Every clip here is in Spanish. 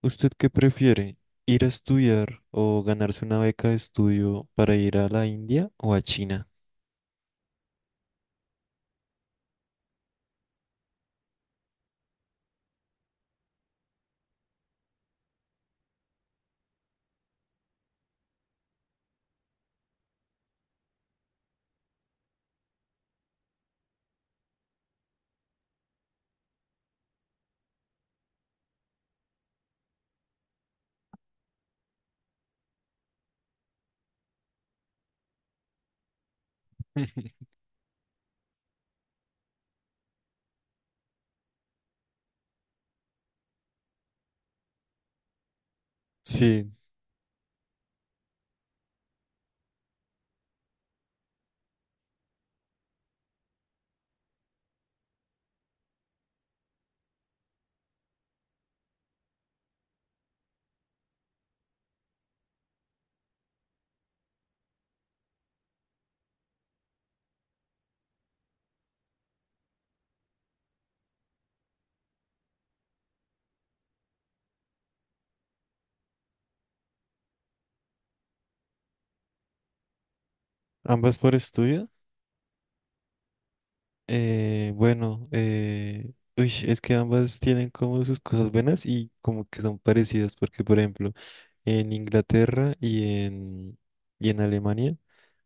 ¿Usted qué prefiere? ¿Ir a estudiar o ganarse una beca de estudio para ir a la India o a China? Sí, ambas por estudio. Bueno, Uy, es que ambas tienen como sus cosas buenas y como que son parecidas, porque por ejemplo, en Inglaterra y en Alemania,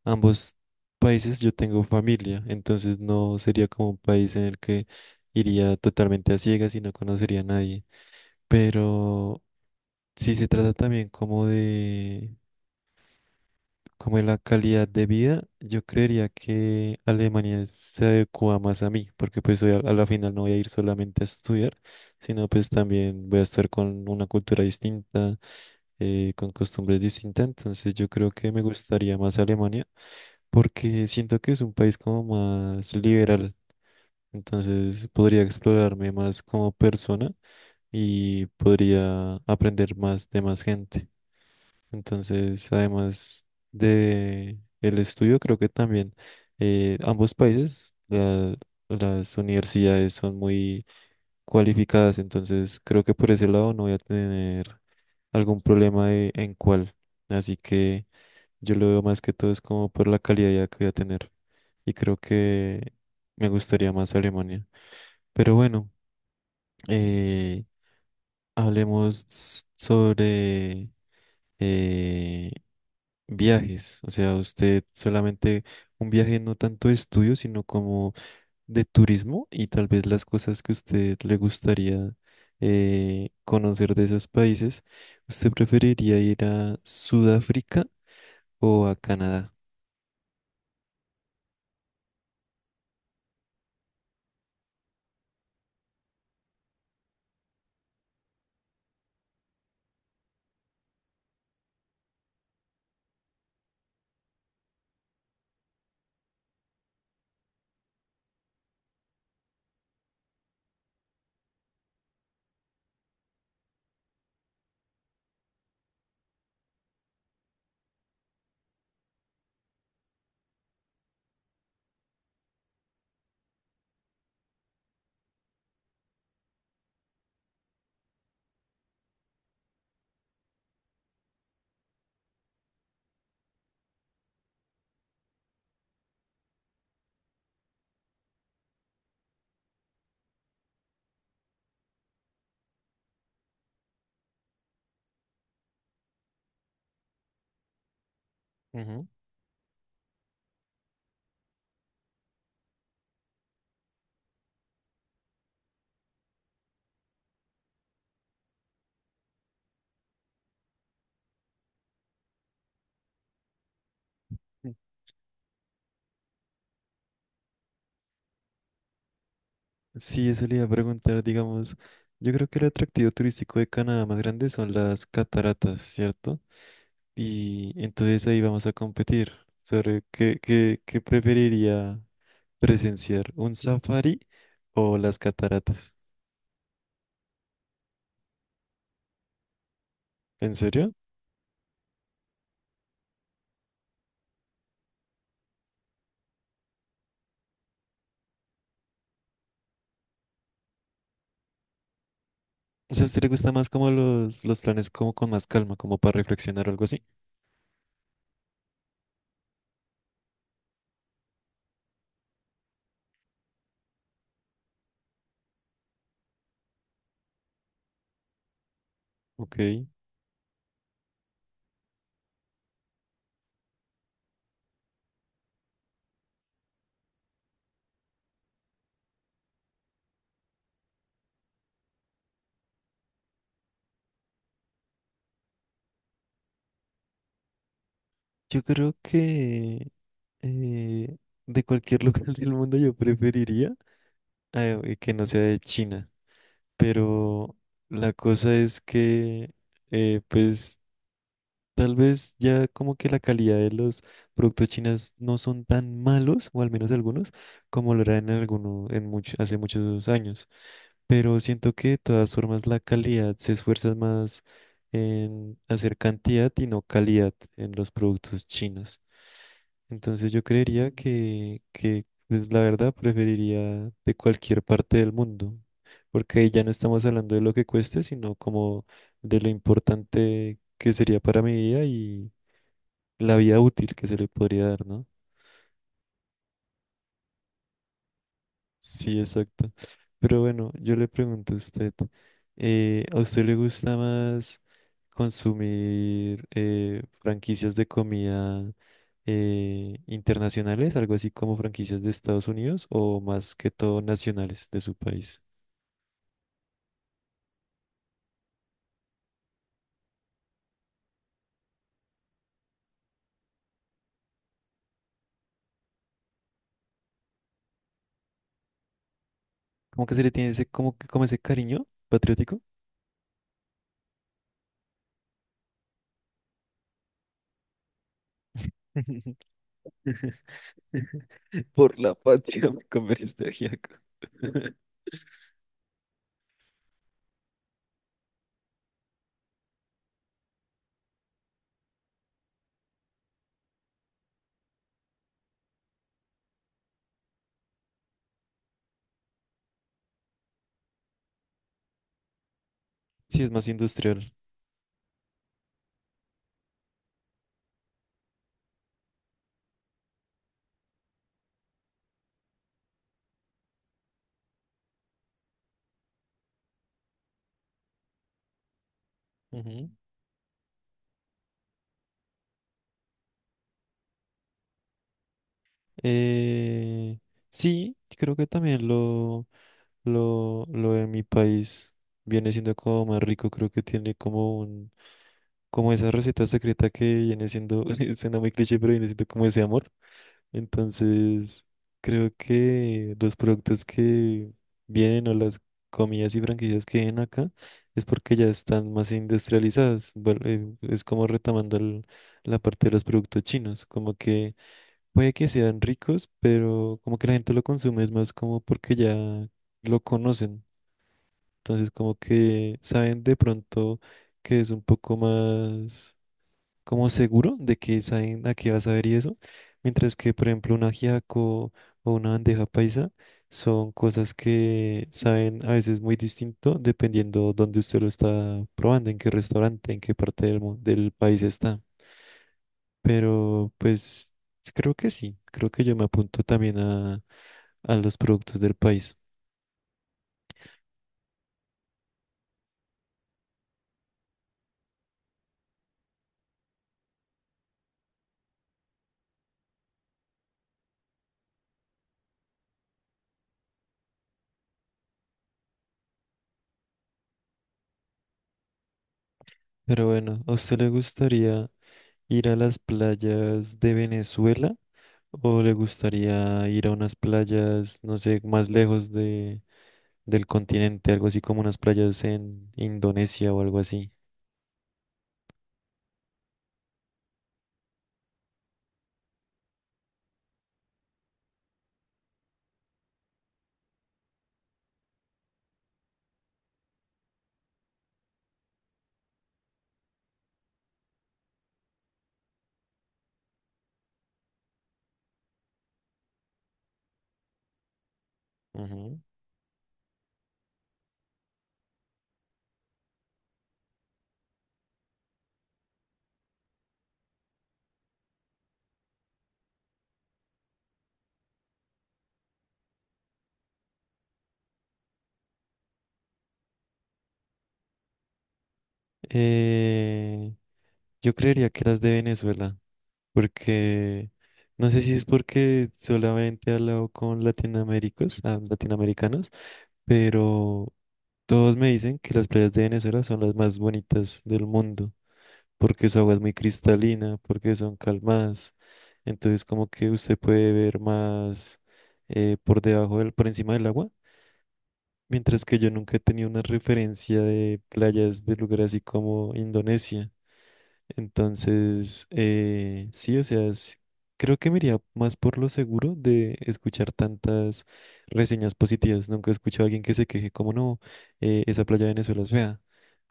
ambos países yo tengo familia, entonces no sería como un país en el que iría totalmente a ciegas y no conocería a nadie. Pero si se trata también como de la calidad de vida, yo creería que Alemania se adecua más a mí, porque pues a la final no voy a ir solamente a estudiar, sino pues también voy a estar con una cultura distinta, con costumbres distintas, entonces yo creo que me gustaría más Alemania, porque siento que es un país como más liberal, entonces podría explorarme más como persona y podría aprender más de más gente. Entonces, además de el estudio, creo que también ambos países, las universidades son muy cualificadas, entonces creo que por ese lado no voy a tener algún en cuál. Así que yo lo veo más que todo es como por la calidad que voy a tener. Y creo que me gustaría más Alemania. Pero bueno, eh, hablemos sobre eh, viajes, o sea, usted solamente un viaje no tanto de estudio, sino como de turismo y tal vez las cosas que usted le gustaría conocer de esos países. ¿Usted preferiría ir a Sudáfrica o a Canadá? Ujú. Sí, eso le iba a preguntar, digamos, yo creo que el atractivo turístico de Canadá más grande son las cataratas, ¿cierto? Y entonces ahí vamos a competir sobre qué preferiría, presenciar un safari o las cataratas. ¿En serio? O sea, ¿a usted le gusta más como los planes como con más calma, como para reflexionar o algo así? Ok. Yo creo que eh, de cualquier lugar del mundo yo preferiría, que no sea de China. Pero la cosa es que, eh, pues, tal vez ya como que la calidad de los productos chinos no son tan malos, o al menos algunos, como lo eran en alguno, en mucho, hace muchos años. Pero siento que de todas formas la calidad se esfuerza más en hacer cantidad y no calidad en los productos chinos. Entonces yo creería que pues la verdad preferiría de cualquier parte del mundo, porque ahí ya no estamos hablando de lo que cueste, sino como de lo importante que sería para mi vida y la vida útil que se le podría dar, ¿no? Sí, exacto. Pero bueno, yo le pregunto ¿a usted le gusta más consumir franquicias de comida internacionales, algo así como franquicias de Estados Unidos, o más que todo nacionales de su país? ¿Cómo que se le tiene ese, como, como ese cariño patriótico? Por la patria me convertiste ajiaco. Sí, es más industrial. Ujú. Eh, sí, creo que también lo... lo de mi país viene siendo como más rico, creo que tiene como esa receta secreta que viene siendo, suena muy cliché, pero viene siendo como ese amor. Entonces, creo que los productos que vienen o las comidas y franquicias que vienen acá es porque ya están más industrializadas. Bueno, es como retomando la parte de los productos chinos, como que puede que sean ricos, pero como que la gente lo consume es más como porque ya lo conocen. Entonces, como que saben de pronto que es un poco más como seguro de que saben a qué vas a ver y eso. Mientras que, por ejemplo, un ajiaco o una bandeja paisa son cosas que saben a veces muy distinto dependiendo dónde usted lo está probando, en qué restaurante, en qué parte del país está. Pero pues creo que sí, creo que yo me apunto también a los productos del país. Pero bueno, ¿a usted le gustaría ir a las playas de Venezuela o le gustaría ir a unas playas, no sé, más lejos del continente, algo así como unas playas en Indonesia o algo así? Ujú. Eh, yo creería que las de Venezuela, porque no sé si es porque solamente he hablado con latinoamericanos, pero todos me dicen que las playas de Venezuela son las más bonitas del mundo, porque su agua es muy cristalina, porque son calmadas. Entonces como que usted puede ver más por encima del agua. Mientras que yo nunca he tenido una referencia de playas de lugares así como Indonesia. Entonces, creo que me iría más por lo seguro de escuchar tantas reseñas positivas. Nunca he escuchado a alguien que se queje como no, esa playa de Venezuela es fea.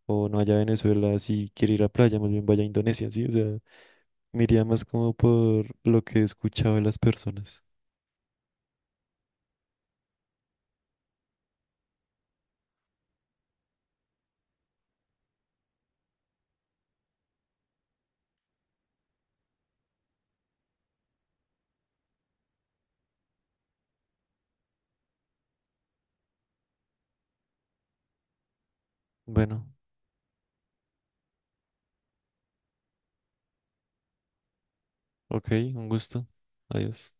O no allá a Venezuela, si quiere ir a playa, más bien vaya a Indonesia, sí, o sea. Me iría más como por lo que he escuchado de las personas. Bueno, ok, un gusto. Adiós.